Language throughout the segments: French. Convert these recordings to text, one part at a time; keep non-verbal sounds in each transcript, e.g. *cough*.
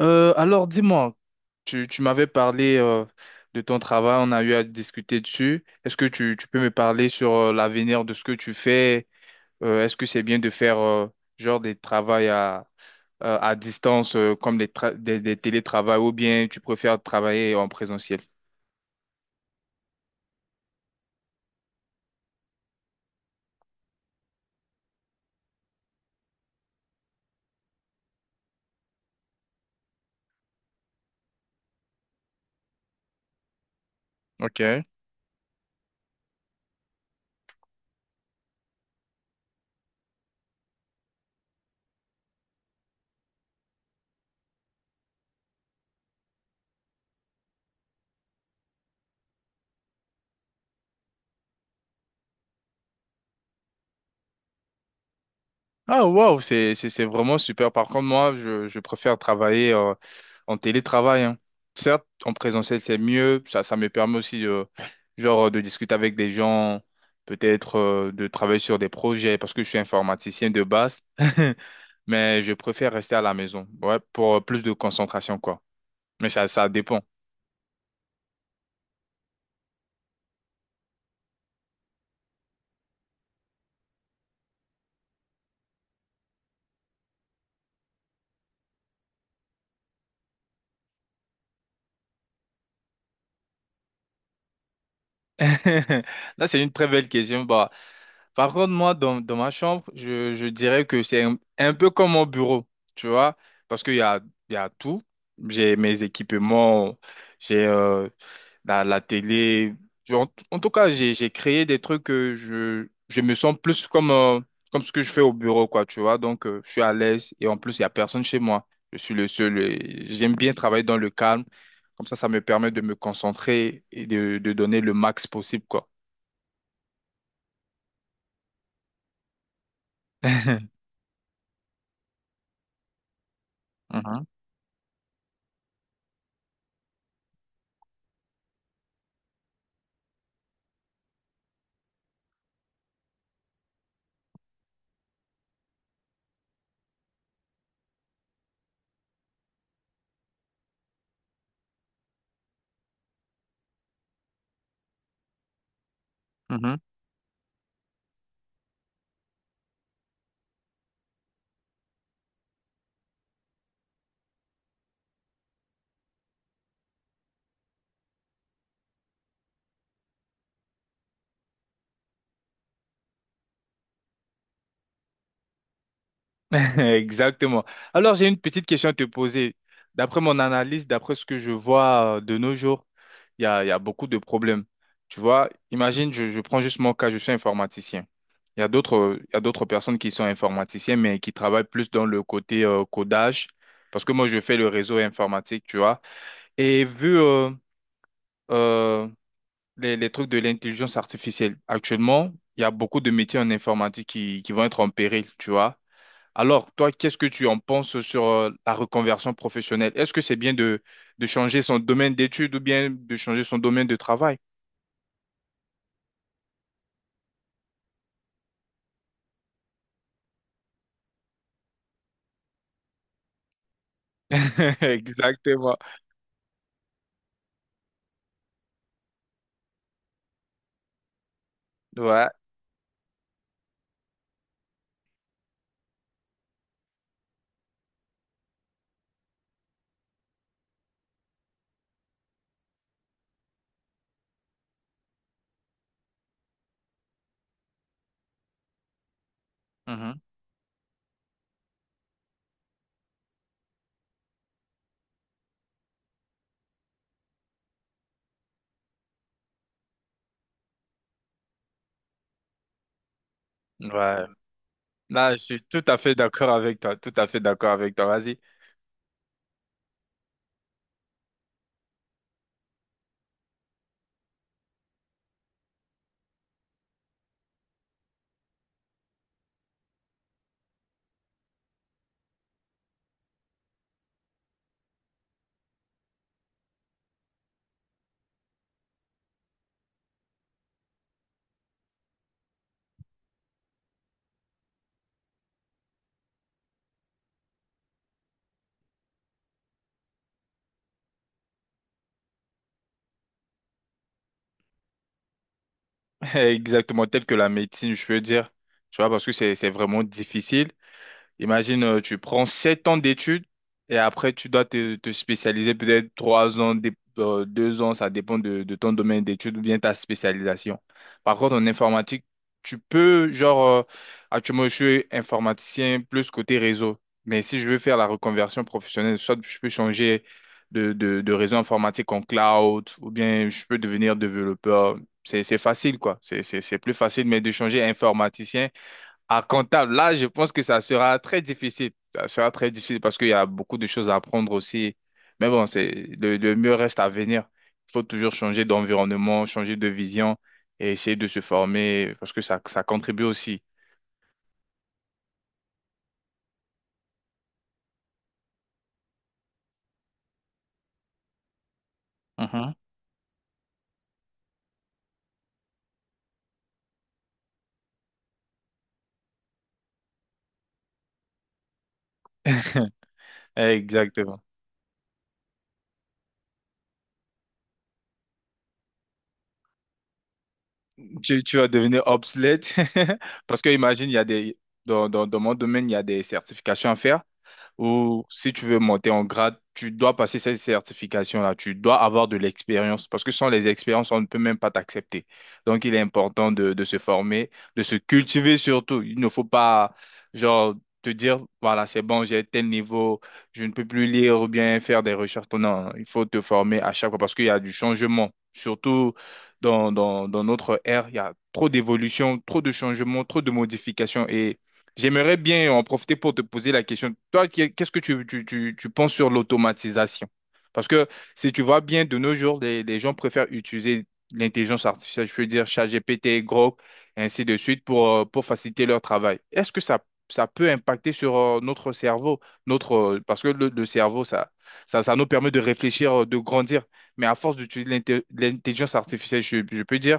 Alors dis-moi, tu m'avais parlé de ton travail, on a eu à discuter dessus. Est-ce que tu peux me parler sur l'avenir de ce que tu fais? Est-ce que c'est bien de faire genre des travails à distance comme des télétravails ou bien tu préfères travailler en présentiel? Ok. Ah, waouh, c'est vraiment super. Par contre, moi, je préfère travailler en télétravail, hein. Certes, en présentiel, c'est mieux. Ça me permet aussi de, genre, de discuter avec des gens, peut-être de travailler sur des projets, parce que je suis informaticien de base. *laughs* Mais je préfère rester à la maison, ouais, pour plus de concentration, quoi. Mais ça dépend. *laughs* Là, c'est une très belle question. Par contre, moi, dans ma chambre, je dirais que c'est un peu comme mon bureau, tu vois, parce qu'il y a tout. J'ai mes équipements, j'ai la télé. En tout cas, j'ai créé des trucs que je me sens plus comme, comme ce que je fais au bureau, quoi, tu vois. Donc, je suis à l'aise et en plus, il n'y a personne chez moi. Je suis le seul, et j'aime bien travailler dans le calme. Comme ça me permet de me concentrer et de donner le max possible, quoi. *laughs* Mhm, mhm. *laughs* Exactement. Alors, j'ai une petite question à te poser. D'après mon analyse, d'après ce que je vois de nos jours, il y a beaucoup de problèmes. Tu vois, imagine, je prends juste mon cas, je suis informaticien. Il y a d'autres personnes qui sont informaticiens, mais qui travaillent plus dans le côté codage, parce que moi, je fais le réseau informatique, tu vois. Et vu euh, les trucs de l'intelligence artificielle, actuellement, il y a beaucoup de métiers en informatique qui vont être en péril, tu vois. Alors, toi, qu'est-ce que tu en penses sur la reconversion professionnelle? Est-ce que c'est bien de changer son domaine d'études ou bien de changer son domaine de travail? *laughs* Exactement. Ouais. Mhm. Ouais. Là, je suis tout à fait d'accord avec toi. Tout à fait d'accord avec toi. Vas-y. *laughs* Exactement. Tel que la médecine, je peux dire. Tu vois, parce que c'est vraiment difficile. Imagine, tu prends 7 ans d'études et après, tu dois te spécialiser peut-être 3 ans, 2 ans, ça dépend de ton domaine d'études ou bien ta spécialisation. Par contre, en informatique, tu peux, genre, actuellement, je suis informaticien plus côté réseau. Mais si je veux faire la reconversion professionnelle, soit je peux changer de réseau informatique en cloud ou bien je peux devenir développeur. C'est facile, quoi. C'est plus facile, mais de changer informaticien. À comptable, là, je pense que ça sera très difficile. Ça sera très difficile parce qu'il y a beaucoup de choses à apprendre aussi. Mais bon, c'est le mieux reste à venir. Il faut toujours changer d'environnement, changer de vision et essayer de se former parce que ça contribue aussi. Mhm. *laughs* Exactement. Tu vas devenir obsolète *laughs* parce que imagine, il y a des, dans mon domaine, il y a des certifications à faire, ou si tu veux monter en grade, tu dois passer cette certification-là, tu dois avoir de l'expérience, parce que sans les expériences, on ne peut même pas t'accepter. Donc, il est important de se former, de se cultiver surtout. Il ne faut pas, genre, te dire, voilà, c'est bon, j'ai tel niveau, je ne peux plus lire ou bien faire des recherches. Non, il faut te former à chaque fois, parce qu'il y a du changement, surtout dans notre ère, il y a trop d'évolution, trop de changements, trop de modifications. Et j'aimerais bien en profiter pour te poser la question. Toi, qu'est-ce que tu penses sur l'automatisation? Parce que si tu vois bien, de nos jours, les gens préfèrent utiliser l'intelligence artificielle, je veux dire ChatGPT, Grok, et ainsi de suite, pour faciliter leur travail. Est-ce que ça peut impacter sur notre cerveau, notre, parce que le cerveau, ça nous permet de réfléchir, de grandir. Mais à force d'utiliser l'intelligence artificielle, je peux dire,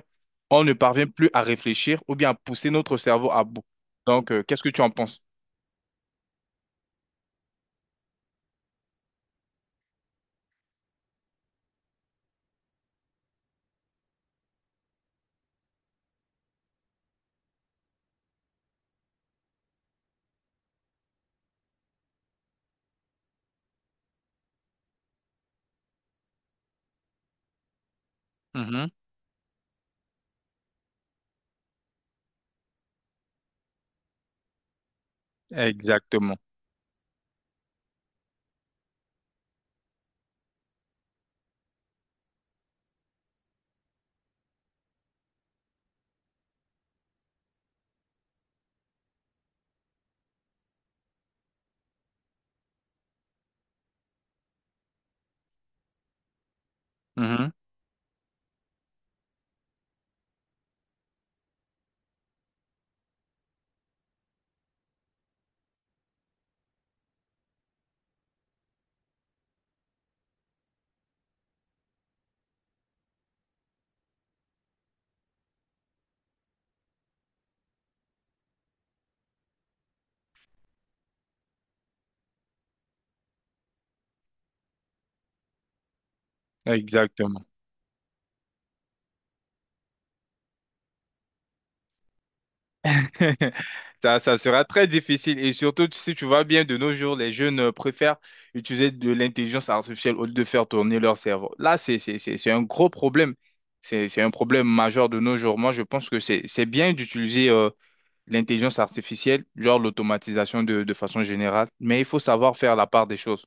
on ne parvient plus à réfléchir ou bien à pousser notre cerveau à bout. Donc, qu'est-ce que tu en penses? Mhm. Exactement. Mhm. Exactement. *laughs* Ça sera très difficile. Et surtout, si tu vois bien, de nos jours, les jeunes préfèrent utiliser de l'intelligence artificielle au lieu de faire tourner leur cerveau. Là, c'est un gros problème. C'est un problème majeur de nos jours. Moi, je pense que c'est bien d'utiliser l'intelligence artificielle, genre l'automatisation de façon générale, mais il faut savoir faire la part des choses.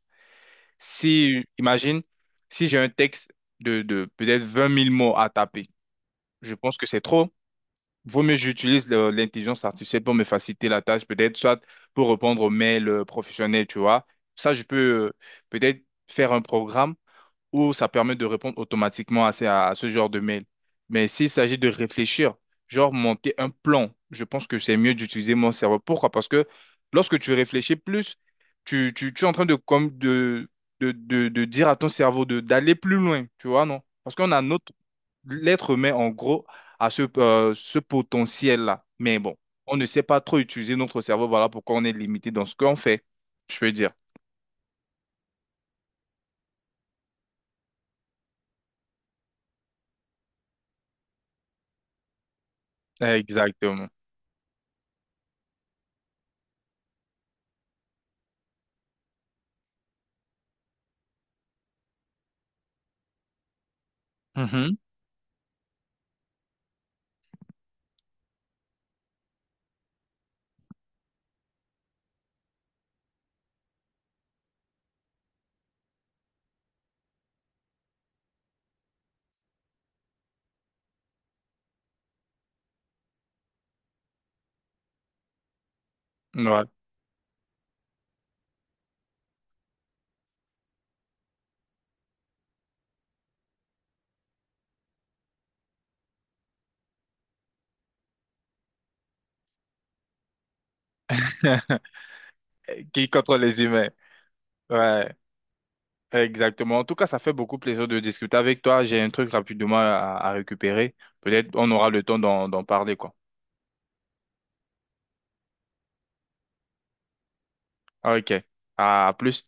Si, imagine, si j'ai un texte de peut-être 20 000 mots à taper. Je pense que c'est trop. Vaut mieux j'utilise l'intelligence artificielle pour me faciliter la tâche, peut-être soit pour répondre aux mails professionnels, tu vois. Ça, je peux euh, peut-être faire un programme ou ça permet de répondre automatiquement à, à ce genre de mail. Mais s'il s'agit de réfléchir, genre monter un plan, je pense que c'est mieux d'utiliser mon cerveau. Pourquoi? Parce que lorsque tu réfléchis plus, tu es en train de, comme de, de dire à ton cerveau de, d'aller plus loin, tu vois, non? Parce qu'on a notre, l'être humain, en gros, à ce, ce potentiel-là. Mais bon, on ne sait pas trop utiliser notre cerveau. Voilà pourquoi on est limité dans ce qu'on fait, je peux dire. Exactement. Mhm. Ouais. *laughs* Qui contre les humains. Ouais, exactement. En tout cas, ça fait beaucoup plaisir de discuter avec toi. J'ai un truc rapidement à récupérer. Peut-être on aura le temps d'en parler, quoi. Ok. À plus.